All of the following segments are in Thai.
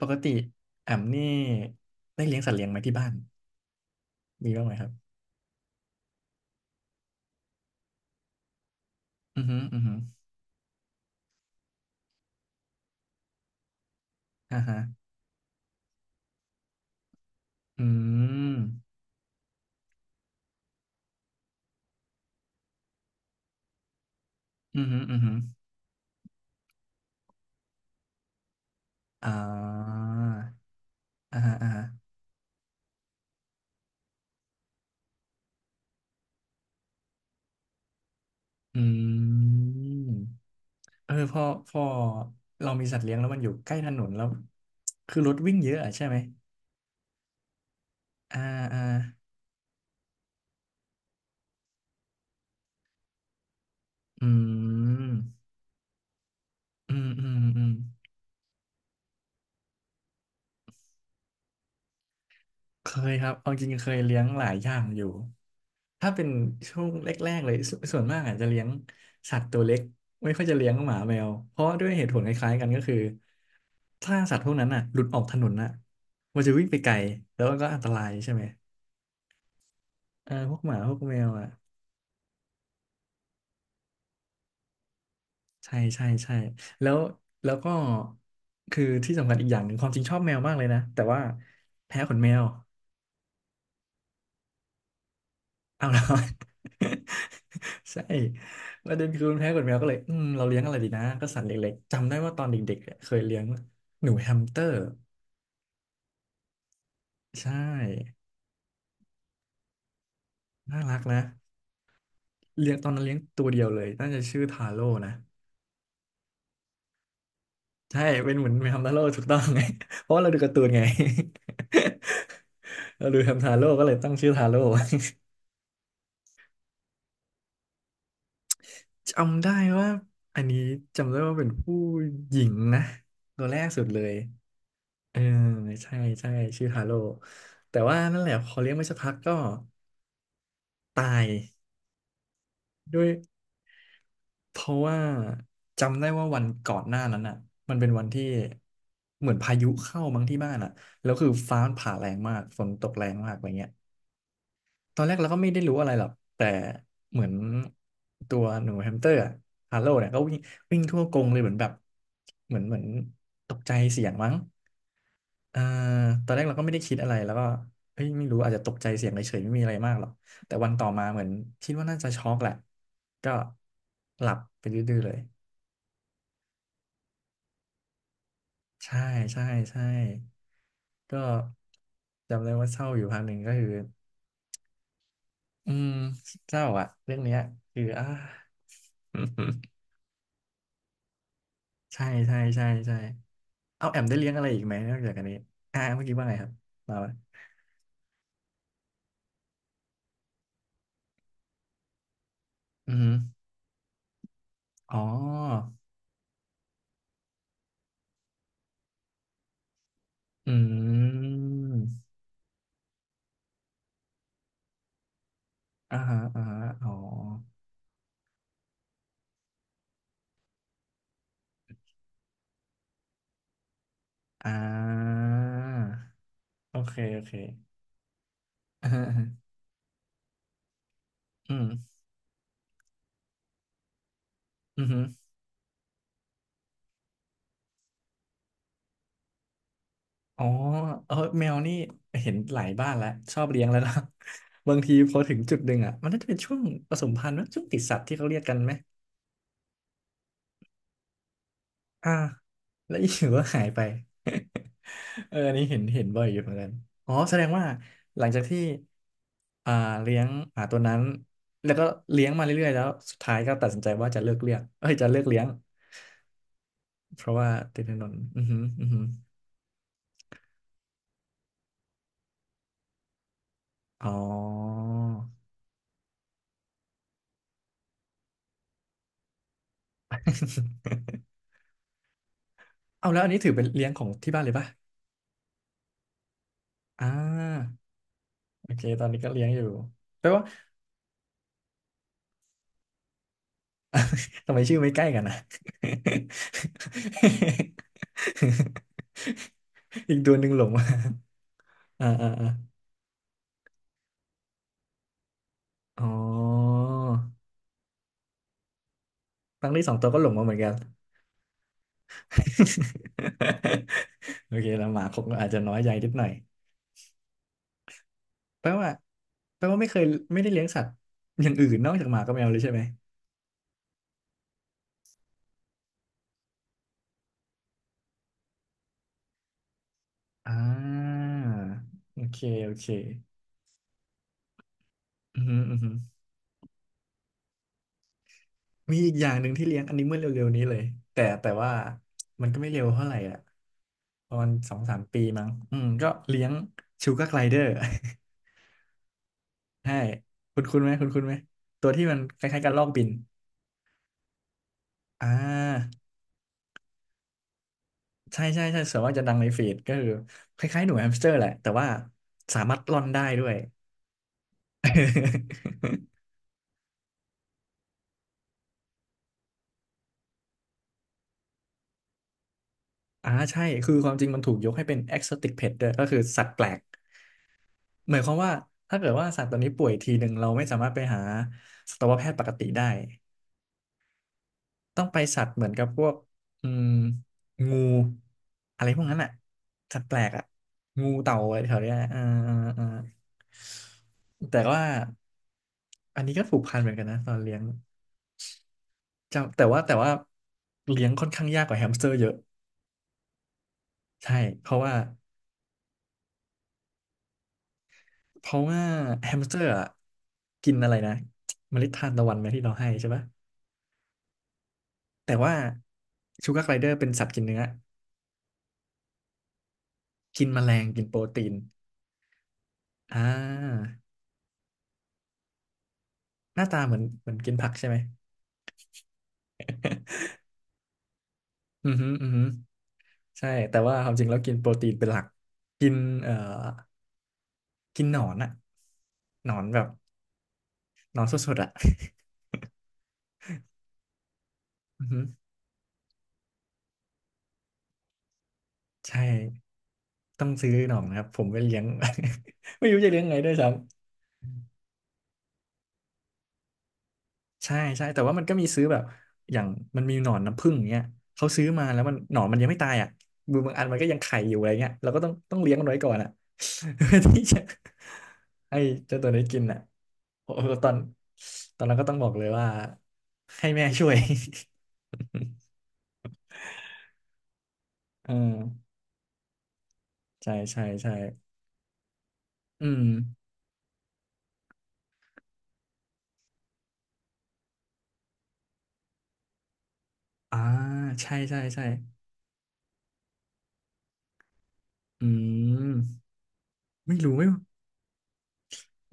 ปกติแอมนี่ได้เลี้ยงสัตว์เลี้ยงไหมที่บ้านมีบ้างไหมครับอือฮึอือฮึอ่าฮะอืมอือฮึอือฮึอ่าอ่าฮะอ่าฮะอืมเออพอพอเรามีสัตว์เลี้ยงแล้วมันอยู่ใกล้ถนนแล้วคือรถวิ่งเยอะอะใช่ไหมอ่าอ่าอืมอืมอืมอืม เคยครับเอาจริงๆเคยเลี้ยงหลายอย่างอยู่ถ้าเป็นช่วงแรกๆเลยส่วนมากอาจจะเลี้ยงสัตว์ตัวเล็กไม่ค่อยจะเลี้ยงหมาแมวเพราะด้วยเหตุผลคล้ายๆกันก็คือถ้าสัตว์พวกนั้นน่ะหลุดออกถนนน่ะมันจะวิ่งไปไกลแล้วมันก็อันตรายใช่ไหมเออพวกหมาพวกแมวอ่ะใช่ใช่ใช่แล้วแล้วก็คือที่สำคัญอีกอย่างหนึ่งความจริงชอบแมวมากเลยนะแต่ว่าแพ้ขนแมว เอาและ ใช่ประเด็นคือมันแพ้ขนแมวก็เลยอืมเราเลี้ยงอะไรดีนะก็สัตว์เล็กๆจำได้ว่าตอนเด็กๆเนี่ยเคยเลี้ยงหนูแฮมสเตอร์ใช่น่ารักนะเลี้ยงตอนนั้นเลี้ยงตัวเดียวเลยน่าจะชื่อทาโร่นะใช่เป็นเหมือนแมวทาโร่ถูกต้องไง เพราะว่าเราดูการ์ตูนไง เราดูแฮมทาโร่ก็เลยตั้งชื่อทาโร่ จำได้ว่าอันนี้จำได้ว่าเป็นผู้หญิงนะตัวแรกสุดเลย เออใช่ใช่ชื่อฮาโลแต่ว่านั่นแหละพอเลี้ยงไปสักพักก็ตายด้วยเพราะว่าจำได้ว่าวันก่อนหน้านั้นอ่ะมันเป็นวันที่เหมือนพายุเข้ามั้งที่บ้านอ่ะแล้วคือฟ้ามันผ่าแรงมากฝนตกแรงมากอะไรเงี้ยตอนแรกเราก็ไม่ได้รู้อะไรหรอกแต่เหมือนตัวหนูแฮมสเตอร์อะฮาโลเนี่ยก็วิ่งวิ่งทั่วกรงเลยเหมือนแบบเหมือนตกใจเสียงมั้ง อ่าตอนแรกเราก็ไม่ได้คิดอะไร แล้วก็เอ้ยไม่รู้อาจจะตกใจเสียงเฉยๆไม่มีอะไรมากหรอกแต่วันต่อมาเหมือนคิดว่าน่าจะช็อกแหละ ก็หลับไปดื้อๆเลย ใช่ใช่ใช่ก็จำได้ว่าเศร้าอยู่พักหนึ่งก็คืออืมเศร้าอะเรื่องเนี้ยคืออ่า ใช่ใช่ใช่ใช่เอาแอมได้เลี้ยงอะไรอีกไหมนอกจากอันนี้เมื่อกี้ว่าไงครับมาปะอืมอหืออ๋ออืมอ่าฮะอ่าฮะอ๋อ อ่าโอเคโอเค อ่าอืมอืมอมอ๋อเออแมวนี่เห็นหลายบ้านแล้วชอบเลี้ยงแล้วนะ บางทีพอถึงจุดหนึ่งอ่ะมันน่าจะเป็นช่วงผสมพันธุ์นะช่วงติดสัตว์ที่เขาเรียกกันไหมอ่าแล้วอยู่ก็หายไป เอออันนี้เห็นเห็นบ่อยอยู่เหมือนกันอ๋อแสดงว่าหลังจากที่อ่าเลี้ยงตัวนั้นแล้วก็เลี้ยงมาเรื่อยๆแล้วสุดท้ายก็ตัดสินใจว่าจะเลิกเลี้ยงเอ้ยจะเลิกเลี้ยงเพราะว่าติดถนนอือหืออือหือ อ๋อ เอาแล้วอันนี้ถือเป็นเลี้ยงของที่บ้านเลยป่ะอ่าโอเคตอนนี้ก็เลี้ยงอยู่แปลว่าทำไมชื่อไม่ใกล้กันนะ อีกตัวหนึ่งหลงมาอ่าอ่าอ่าอ๋อตั้งที่สองตัวก็หลงมาเหมือนกัน โอเคแล้วหมาคงอาจจะน้อยใจนิดหน่อยแปลว่าแปลว่าไม่เคยไม่ได้เลี้ยงสัตว์อย่างอื่นนอกจากหมากับแมวเลยใช่ไหมอ่าโอเคโอเคอืมอหืม มีอีกอย่างหนึ่งที่เลี้ยงอันนี้เมื่อเร็วๆนี้เลยแต่ว่ามันก็ไม่เร็วเท่าไหร่อ่ะประมาณสองสามปีมั้งอืมก็เลี้ยงชูการ์ไกลเดอร์ ใช่คุณคุณไหมคุณคุณไหมตัวที่มันคล้ายๆกันลอกบินอ่าใช่ใช่ใช่ส่วนว่ากจะดังในฟีดก็คือคล้ายๆหนูแฮมสเตอร์แหละแต่ว่าสามารถร่อนได้ด้วย อ่าใช่คือความจริงมันถูกยกให้เป็น exotic pet ด้วยก็คือสัตว์แปลก หมายความว่าถ้าเกิดว่าสัตว์ตัวนี้ป่วยทีหนึ่งเราไม่สามารถไปหาสัตวแพทย์ปกติได้ต้องไปสัตว์เหมือนกับพวกอืมงูอะไรพวกนั้นอ่ะสัตว์แปลกอ่ะงูเต่าอะไรแถวเนี้ยอ่าอ่าอ่าแต่ว่าอันนี้ก็ผูกพันเหมือนกันนะตอนเลี้ยงจำแต่ว่าเลี้ยงค่อนข้างยากกว่าแฮมสเตอร์เยอะใช่เพราะว่าเพราะว่าแฮมสเตอร์อะกินอะไรนะเมล็ดทานตะวันไหมที่เราให้ใช่ปะแต่ว่าชูการ์ไกลเดอร์เป็นสัตว์กินเนื้อ กินแมลงกินโปรตีนอ่าหน้าตาเหมือนกินผักใช่ไหมอือฮึอือฮึใช่ แต่ว่าความจริงแล้วกินโปรตีนเป็นหลัก กินเอ่อกินหนอนอะหนอนแบบหนอนสดๆอะอือฮึใช่ ต้องซื้อหนอนนะครับ ผมไม่เลี้ยง ไม่รู้จะเลี้ยงไงด้วยซ้ำ ใช่ใช่แต่ว่ามันก็มีซื้อแบบอย่างมันมีหนอนน้ำผึ้งอย่างเงี้ยเขาซื้อมาแล้วมันหนอนมันยังไม่ตายอ่ะบางอันมันก็ยังไข่อยู่อะไรเงี้ยเราก็ต้องเลี้ยงมันไว้ก่อนอ่ะ เพื่อที่จะให้เจ้าตัวนี้กินอ่ะโอ้โหตอนนั้นก็ต้องบอกเลยว่าให้แม่ช่วย เออใช่ใช่ใช่อืมอ่าใช่ใช่ใช่อืมไม่รู้ไม่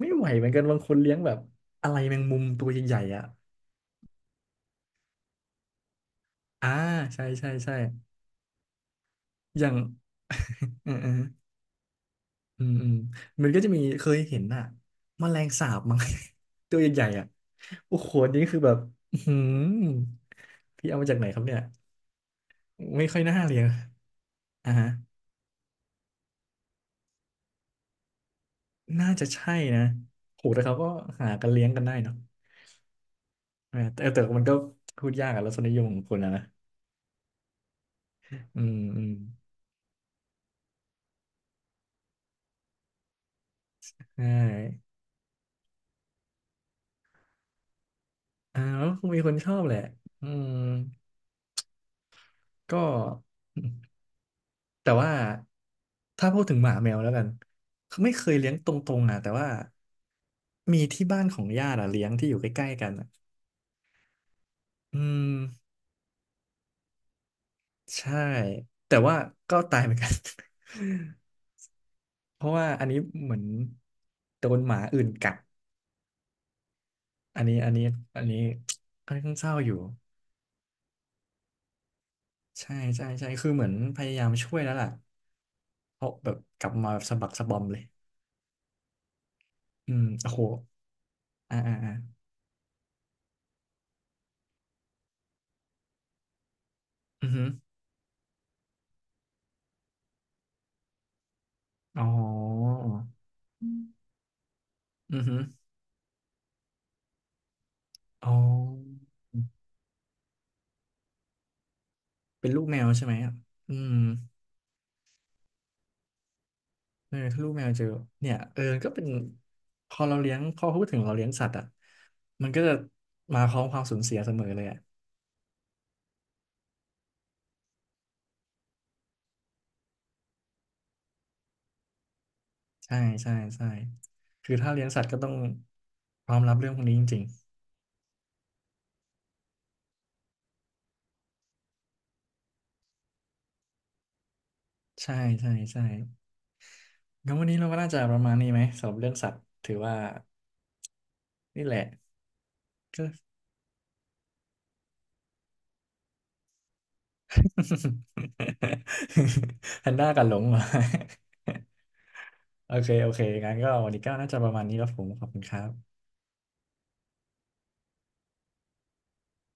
ไม่ไหวเหมือนกันบางคนเลี้ยงแบบอะไรแมงมุมตัวใหญ่ๆอ่ะอ่าใช่ใช่ใช่ อย่าง เออเอออืมอืมมันก็จะมีเคยเห็นอะแมลงสาบมั้ง ตัวใหญ่ๆอ่ะโอ้โหอันนี้คือแบบอื้อหืมพี่เอามาจากไหนครับเนี่ยไม่ค่อยน่าเลี้ยงอ่าฮะน่าจะใช่นะโหแต่เขาก็หากันเลี้ยงกันได้เนาะเออแต่มันก็พูดยากอะรสนิยมของคนอะนะอืมอืมใช่อ่าแล้วคงมีคนชอบแหละอืมก็ แต่ว่าถ้าพูดถึงหมาแมวแล้วกันไม่เคยเลี้ยงตรงๆอ่ะแต่ว่ามีที่บ้านของญาติอ่ะเลี้ยงที่อยู่ใกล้ๆกันอ่ะอืมใช่แต่ว่าก็ตายเหมือนกัน เพราะว่าอันนี้เหมือนโดนหมาอื่นกัดอันนี้อันนี้อันนี้ค่อนข้างเศร้าอยู่ใช่ใช่ใช่คือเหมือนพยายามช่วยแล้วล่ะเพราะแบบกลับมาแบบสะบักสะบอมเลยอืมโอ้โหอ่าอ่าอ่าอือหืออ๋ออือหือ อ๋อเป็นลูกแมวใช่ไหมอ่ะอืมเออถ้าลูกแมวเจอเนี่ยเออก็เป็นพอเราเลี้ยงพอพูดถึงเราเลี้ยงสัตว์อ่ะมันก็จะมาพร้อมความสูญเสียเสมอเลยอ่ะใช่ ใช่ใช่คือถ้าเลี้ยงสัตว์ก็ต้องพร้อมรับเรื่องพวกนี้จริงๆใช่ ใช่ใช่งั้นวันนี้เราก็น่าจะประมาณนี้ไหมสำหรับเรื่องสัตว์ถือว่านี่แหละ แพนด้ากับหลงมหรอ โอเคโอเคงั้นก็วันนี้ก็น่าจะประมาณนี้แล้วผมขอบคุณครับ